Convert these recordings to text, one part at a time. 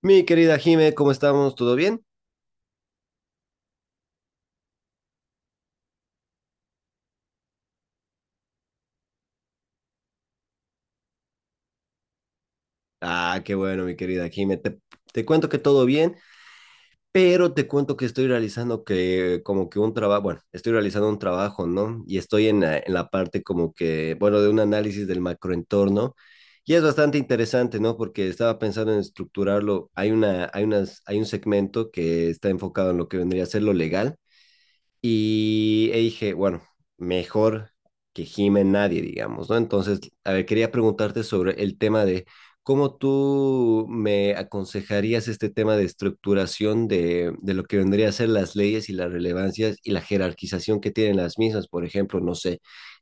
Mi querida Jime, ¿cómo estamos? ¿Todo bien? Ah, qué bueno, mi querida Jime. Te cuento que todo bien, pero te cuento que estoy realizando un trabajo, ¿no? Y estoy en la parte como que, bueno, de un análisis del macroentorno. Y es bastante interesante, ¿no? Porque estaba pensando en estructurarlo. Hay una, hay unas, hay un segmento que está enfocado en lo que vendría a ser lo legal. Y dije, bueno, mejor que gime nadie, digamos, ¿no? Entonces, a ver, quería preguntarte sobre el tema de cómo tú me aconsejarías este tema de estructuración de lo que vendría a ser las leyes y las relevancias y la jerarquización que tienen las mismas, por ejemplo, no sé,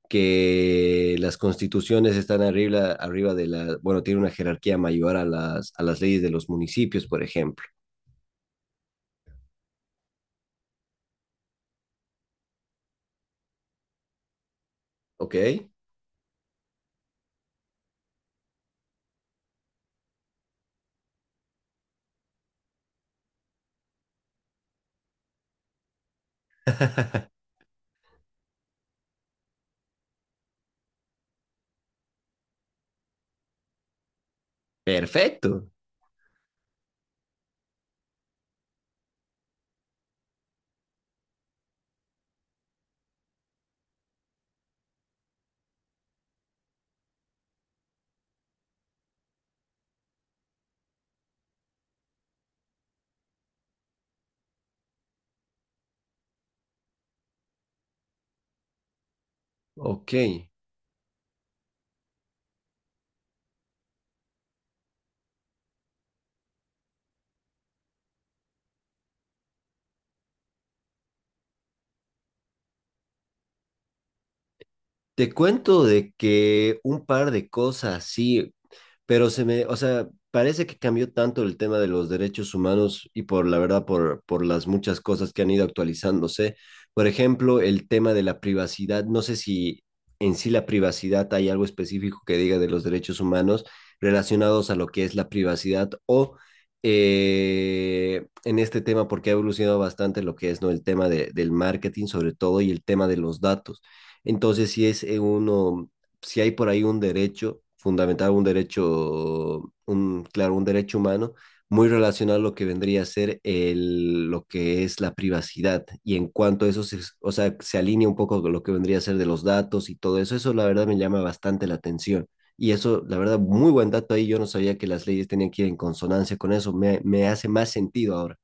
que las constituciones están arriba de la, bueno, tiene una jerarquía mayor a las leyes de los municipios, por ejemplo. ¿Ok? Perfecto, ok. Te cuento de que un par de cosas, sí, pero o sea, parece que cambió tanto el tema de los derechos humanos y por la verdad, por las muchas cosas que han ido actualizándose. Por ejemplo, el tema de la privacidad, no sé si en sí la privacidad hay algo específico que diga de los derechos humanos relacionados a lo que es la privacidad o en este tema, porque ha evolucionado bastante lo que es, ¿no?, el tema de, del marketing sobre todo y el tema de los datos. Entonces, si es uno, si hay por ahí un derecho fundamental, un derecho, un, claro, un derecho humano, muy relacionado a lo que vendría a ser el, lo que es la privacidad. Y en cuanto a eso, se, o sea, se alinea un poco con lo que vendría a ser de los datos y todo eso, eso la verdad me llama bastante la atención. Y eso, la verdad, muy buen dato ahí. Yo no sabía que las leyes tenían que ir en consonancia con eso. Me hace más sentido ahora.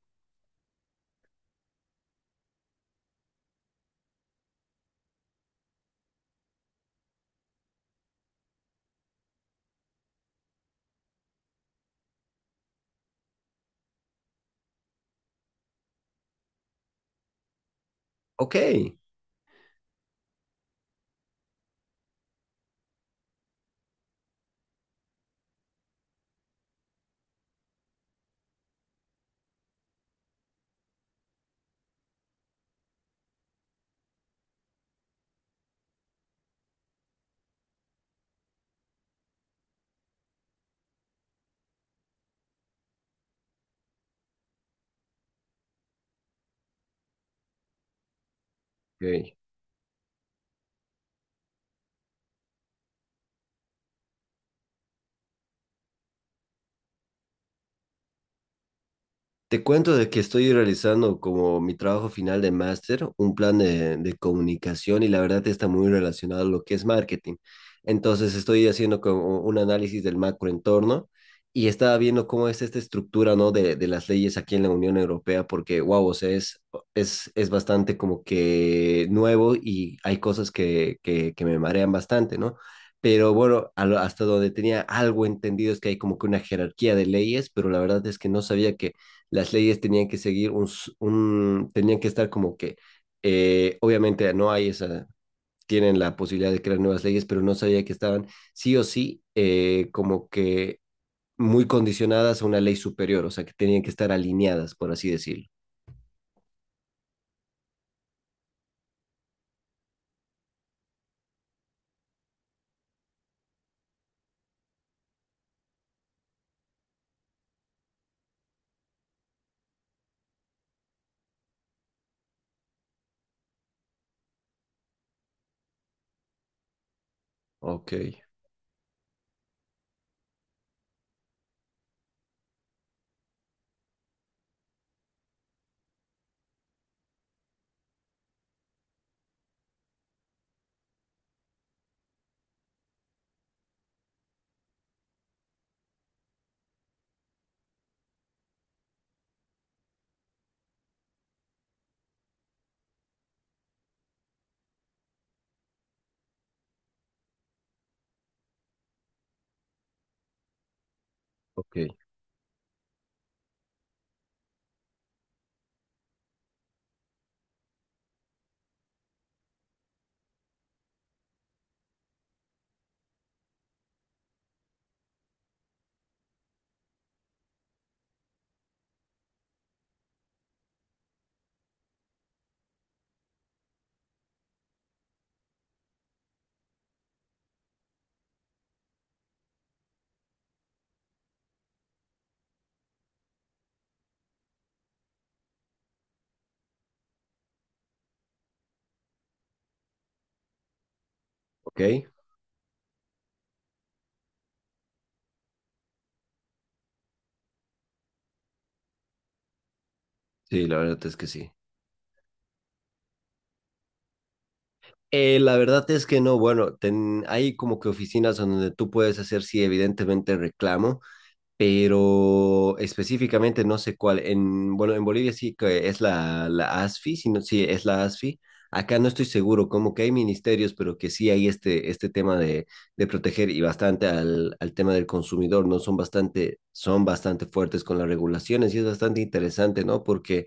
Ok. Ok. Te cuento de que estoy realizando como mi trabajo final de máster, un plan de comunicación y la verdad está muy relacionado a lo que es marketing. Entonces estoy haciendo como un análisis del macroentorno y estaba viendo cómo es esta estructura, ¿no?, de las leyes aquí en la Unión Europea, porque, wow, o sea, es bastante como que nuevo y hay cosas que me marean bastante, ¿no? Pero bueno, hasta donde tenía algo entendido es que hay como que una jerarquía de leyes, pero la verdad es que no sabía que las leyes tenían que seguir un tenían que estar como que, obviamente no hay esa, tienen la posibilidad de crear nuevas leyes, pero no sabía que estaban sí o sí como que muy condicionadas a una ley superior, o sea, que tenían que estar alineadas, por así decirlo. Ok, ok, ok. Sí, la verdad es que sí. La verdad es que no, bueno, hay como que oficinas donde tú puedes hacer, sí, evidentemente reclamo, pero específicamente no sé cuál. En, bueno, en Bolivia sí que es la ASFI, si no, sí es la ASFI. Acá no estoy seguro, como que hay ministerios, pero que sí hay este tema de proteger y bastante al tema del consumidor, ¿no? Son bastante fuertes con las regulaciones y es bastante interesante, ¿no? Porque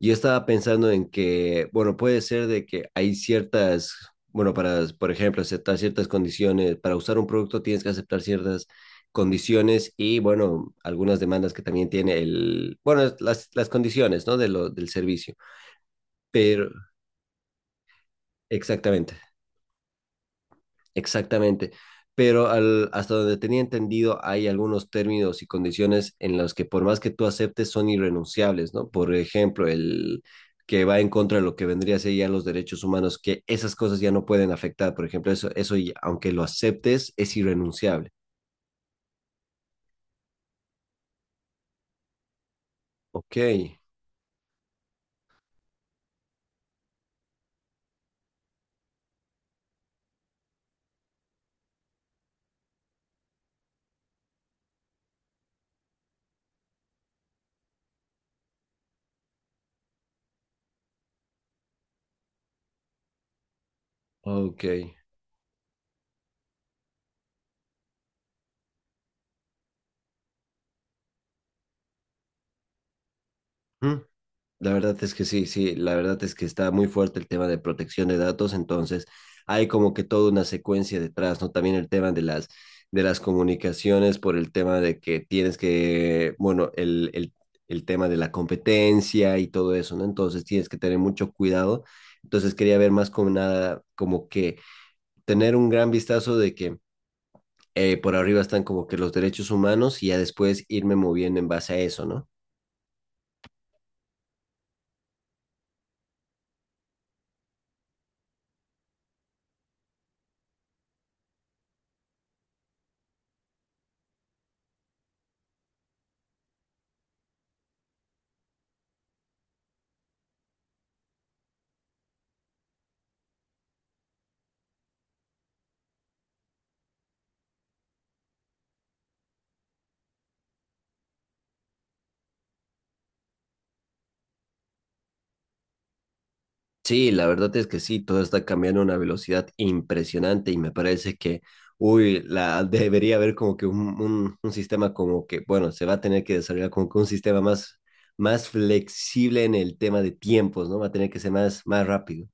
yo estaba pensando en que, bueno, puede ser de que hay ciertas, bueno, para, por ejemplo, aceptar ciertas condiciones, para usar un producto tienes que aceptar ciertas condiciones y, bueno, algunas demandas que también tiene el, bueno, las condiciones, ¿no? De lo, del servicio. Pero, exactamente, exactamente. Pero al, hasta donde tenía entendido, hay algunos términos y condiciones en los que por más que tú aceptes son irrenunciables, ¿no? Por ejemplo, el que va en contra de lo que vendría a ser ya los derechos humanos, que esas cosas ya no pueden afectar. Por ejemplo, eso aunque lo aceptes, es irrenunciable. Ok, ok. ¿Mm? La verdad es que sí, sí, la verdad es que está muy fuerte el tema de protección de datos, entonces hay como que toda una secuencia detrás, ¿no? También el tema de las comunicaciones por el tema de que tienes que, bueno, el tema de la competencia y todo eso, ¿no? Entonces tienes que tener mucho cuidado. Entonces quería ver más como nada, como que tener un gran vistazo de que por arriba están como que los derechos humanos y ya después irme moviendo en base a eso, ¿no? Sí, la verdad es que sí, todo está cambiando a una velocidad impresionante y me parece que, uy, la, debería haber como que un, un sistema como que, bueno, se va a tener que desarrollar como que un sistema más, más flexible en el tema de tiempos, ¿no? Va a tener que ser más, más rápido.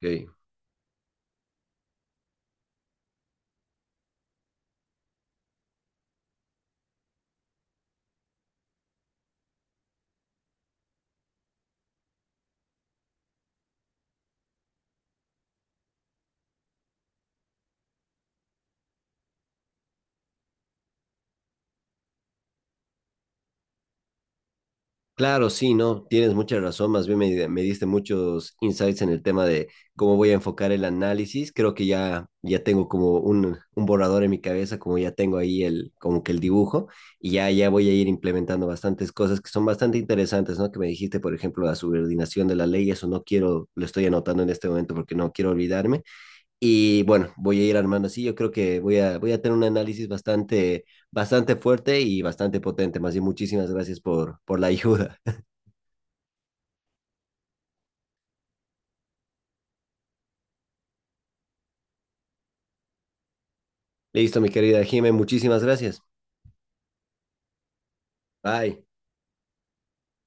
Ok. Claro, sí, no, tienes mucha razón. Más bien me diste muchos insights en el tema de cómo voy a enfocar el análisis. Creo que ya tengo como un borrador en mi cabeza, como ya tengo ahí el, como que el dibujo, y ya voy a ir implementando bastantes cosas que son bastante interesantes, ¿no? Que me dijiste, por ejemplo, la subordinación de la ley, eso no quiero, lo estoy anotando en este momento porque no quiero olvidarme. Y bueno, voy a ir armando así. Yo creo que voy a tener un análisis bastante, bastante fuerte y bastante potente. Más bien, muchísimas gracias por la ayuda. Listo, mi querida Jimé, muchísimas gracias. Bye.